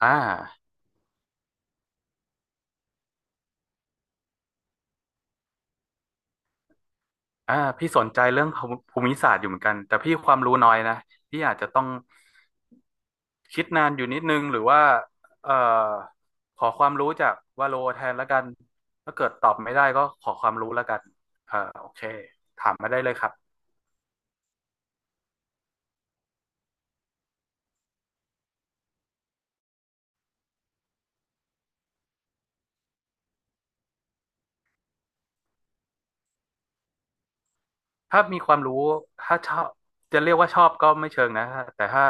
อ่าอ่าพี่สนใจเรื่องภูมิศาสตร์อยู่เหมือนกันแต่พี่ความรู้น้อยนะพี่อาจจะต้องคิดนานอยู่นิดนึงหรือว่าเอ่อขอความรู้จากวาโลแทนแล้วกันถ้าเกิดตอบไม่ได้ก็ขอความรู้แล้วกันโอเคถามมาได้เลยครับถ้ามีความรู้ถ้าชอบจะเรียกว่าชอบก็ไม่เชิงนะแต่ถ้า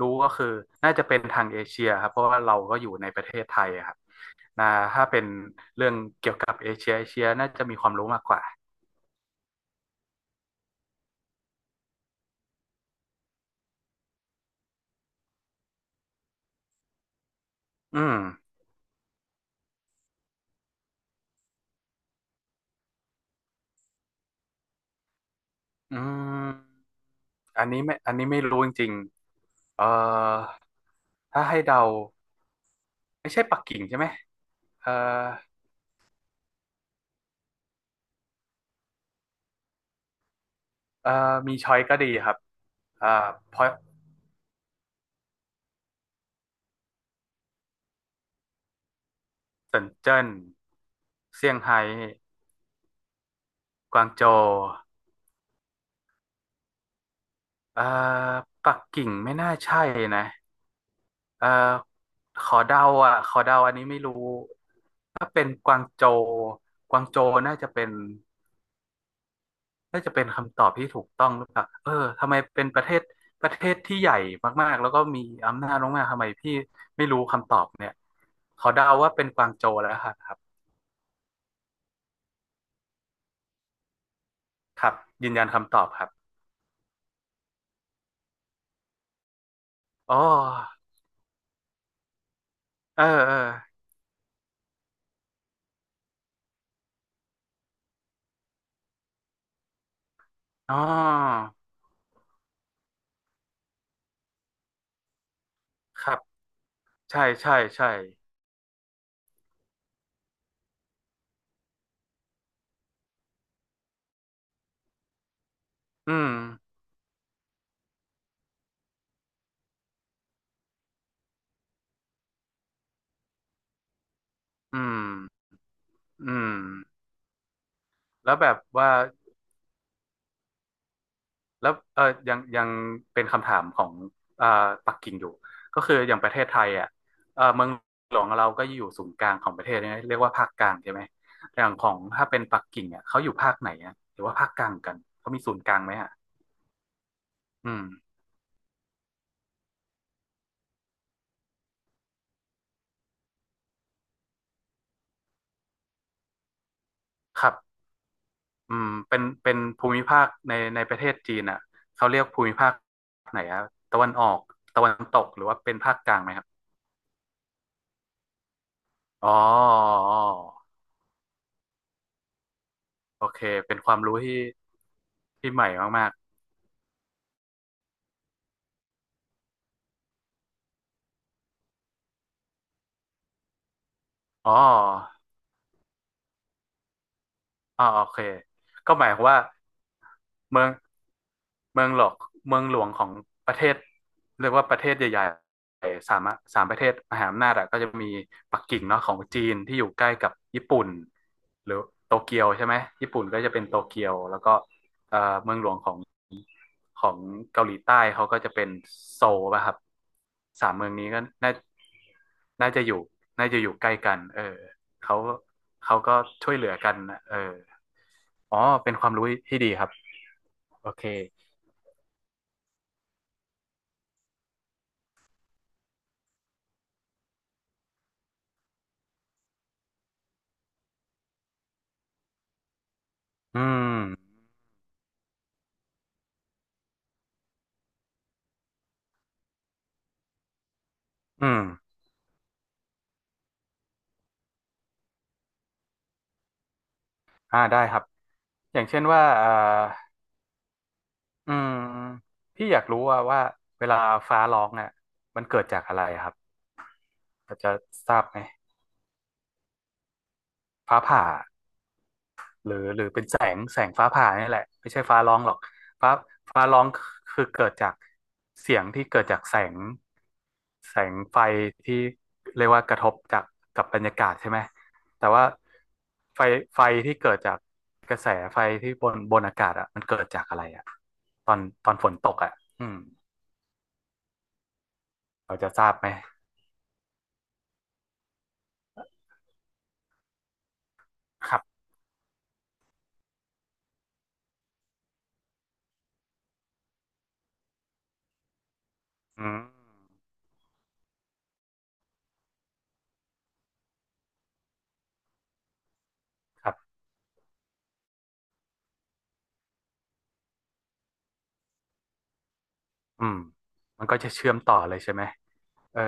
รู้ก็คือน่าจะเป็นทางเอเชียครับเพราะว่าเราก็อยู่ในประเทศไทยอะครับนะถ้าเป็นเรื่องเกี่ยวกับเอเชียเอเชียน่าจะมีความรู้มากกว่าอืม อืมอันนี้ไม่อันนี้ไม่รู้จริงๆถ้าให้เดาไม่ใช่ปักกิ่งใช่ไหมเอ่อเอ่อมีช้อยก็ดีครับอ่าพอยสันเจิ้นเซี่ยงไฮ้กวางโจวเอ่อปักกิ่งไม่น่าใช่นะเอ่อขอเดาอ่ะขอเดาอันนี้ไม่รู้ถ้าเป็นกวางโจวกวางโจวน่าจะเป็นคำตอบที่ถูกต้องหรือเปล่าเออทำไมเป็นประเทศประเทศที่ใหญ่มากๆแล้วก็มีอำนาจมากๆทำไมพี่ไม่รู้คำตอบเนี่ยขอเดาว่าเป็นกวางโจวแล้วครับยืนยันคำตอบครับอ๋อเออเอออ๋อครับใช่ใช่ใช่อืมอืมอืมแล้วแบบว่า แล้วเออยังยังเป็นคำถามของเอ่อปักกิ่งอยู่ก็คืออย่างประเทศไทยอ่ะเออเมืองหลวงเราก็อยู่ศูนย์กลางของประเทศเนี่ยเรียกว่าภาคกลางใช่ไหมอย่างของถ้าเป็นปักกิ่งอ่ะเขาอยู่ภาคไหนอ่ะหรือว่าภาคกลางกันเขามีศูนย์กลางไหมอ่ะอืมครับอืมเป็นเป็นภูมิภาคในประเทศจีนอ่ะเขาเรียกภูมิภาคไหนอ่ะตะวันออกตะวันตกหรือว่าเป็นภาคกลางไหมครับอ๋ออ๋อโอเคเป็นความรู้ที่ที่ใหม่มากๆอ๋อ อ่าโอเคก็หมายความว่าเมืองเมืองหลอกเมืองหลวงของประเทศเรียกว่าประเทศใหญ่ๆสามอะสามประเทศมหาอำนาจอะก็จะมีปักกิ่งเนาะของจีนที่อยู่ใกล้กับญี่ปุ่นหรือโตเกียวใช่ไหมญี่ปุ่นก็จะเป็นโตเกียวแล้วก็เมืองหลวงของของเกาหลีใต้เขาก็จะเป็นโซลป่ะครับสามเมืองนี้ก็น่าน่าจะอยู่น่าจะอยู่ใกล้กันเออ เขาเขาก็ช่วยเหลือกันนะเอออ๋อ เป็นความรู้ที่ดีครับ โอเคอืมอืมอ่าได้ครับ อย่างเช่นว่าอืม พี่อยากรู้ว่าว่าเวลาฟ้าร้องอ่ะมันเกิดจากอะไรครับพอจะทราบไหมฟ้าผ่า หรือหรือเป็นแสงแสงฟ้าผ่านี่แหละไม่ใช่ฟ้าร้องหรอกฟ้าฟ้าร้องคือเกิดจากเสียงที่เกิดจากแสงแสงไฟที่เรียกว่ากระทบจากกับบรรยากาศใช่ไหมแต่ว่าไฟไฟที่เกิดจากกระแสไฟที่บนบนอากาศอ่ะมันเกิดจากอะไรอ่ะตอนตอนฝนตกอ่ะอืมเราจะทราบไหมครับอืมครับอืมมันก็จะเชื่อมต่อเลยใช่ไหมเออ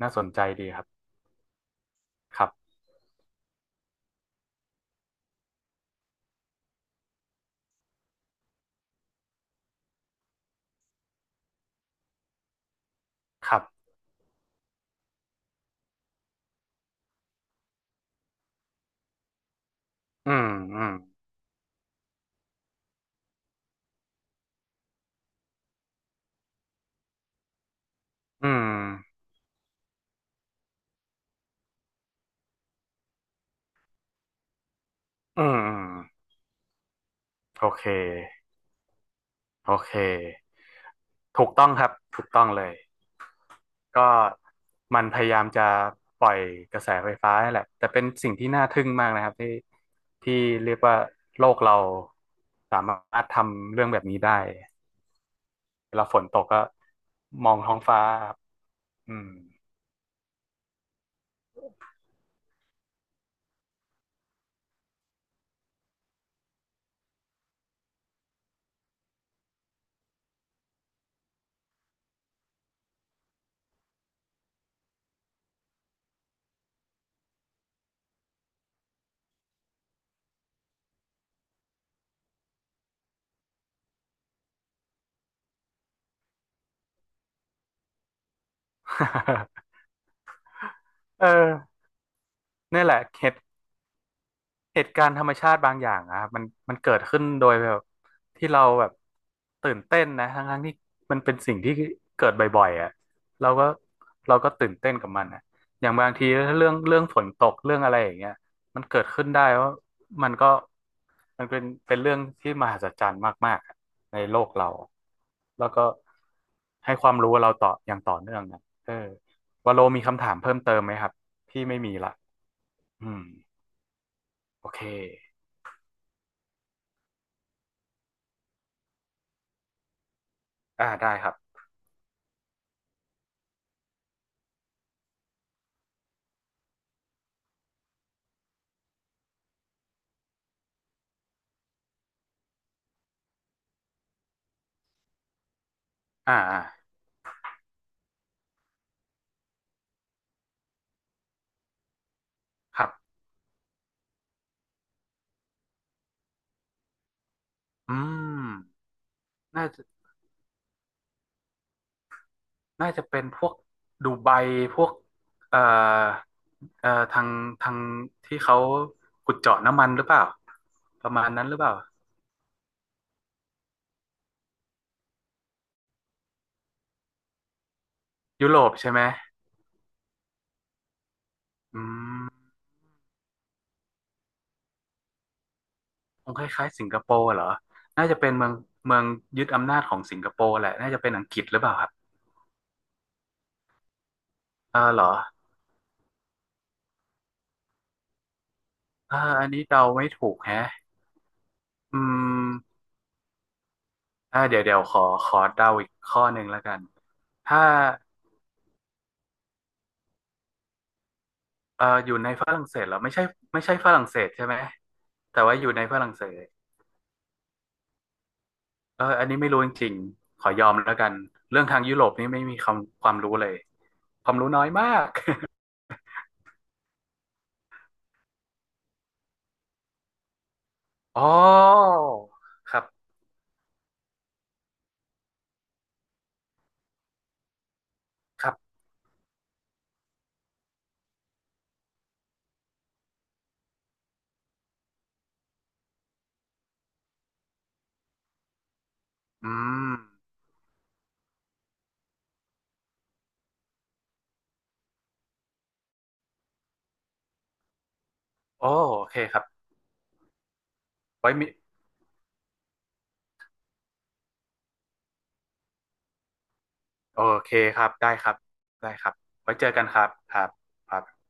น่าสนใจดีครับครับครับ อืมอืมอืมอืมอืมโอเคโอเค ถูกต้องครับ ถูกต้องเลย ก็มันพยายามจะปล่อยกระแสไฟฟ้าแหละแต่เป็นสิ่งที่น่าทึ่งมากนะครับที่ที่เรียกว่าโลกเราสามารถทำเรื่องแบบนี้ได้ เวลาฝนตกก็มองท้องฟ้าครับอืม เออนี่แหละเหตุ เหตุการณ์ธรรมชาติบางอย่างอะครับมันมันเกิดขึ้นโดยแบบที่เราแบบตื่นเต้นนะทั้งทั้งที่มันเป็นสิ่งที่เกิดบ่อยๆอ่ะเราก็เราก็ตื่นเต้นกับมันอะอย่างบางทีถ้าเรื่องเรื่องฝนตกเรื่องอะไรอย่างเงี้ยมันเกิดขึ้นได้ว่ามันก็มันเป็นเป็นเรื่องที่มหัศจรรย์มากๆอะในโลกเราแล้วก็ให้ความรู้เราต่ออย่างต่อเนื่องนะเออวาโลมีคำถามเพิ่มเติมไหมครับพี่ไม่มีละอืมโอเคอ่าได้ครับ อ่าอ่าครับอืมน่าจะน่าจะเป็นพวกดูไบพวกเอ่อทางทางที่เขาขุดเจาะน้ำมันหรือเปล่าประมาณนั้นหรือเปล่ายุโรปใช่ไหมอืมคงคล้ายๆสิงคโปร์เหรอน่าจะเป็นเมืองเมืองยึดอำนาจของสิงคโปร์แหละน่าจะเป็นอังกฤษหรือเปล่าครับเออเหรอเอออันนี้เดาไม่ถูกแฮะอืมอ่าเดี๋ยวเดี๋ยวขอขอเดาอีกข้อหนึ่งแล้วกันถ้า อยู่ในฝรั่งเศสเหรอไม่ใช่ไม่ใช่ฝรั่งเศสใช่ไหมแต่ว่าอยู่ในฝรั่งเศสเอออันนี้ไม่รู้จริงๆขอยอมแล้วกันเรื่องทางยุโรปนี่ไม่มีความความรู้เลยความรู้น้อยมาก อ๋อครับครับอืมโอโอเคครับไว้มีโอเคครับได้ครับได้ครับไว้เจอกันครับ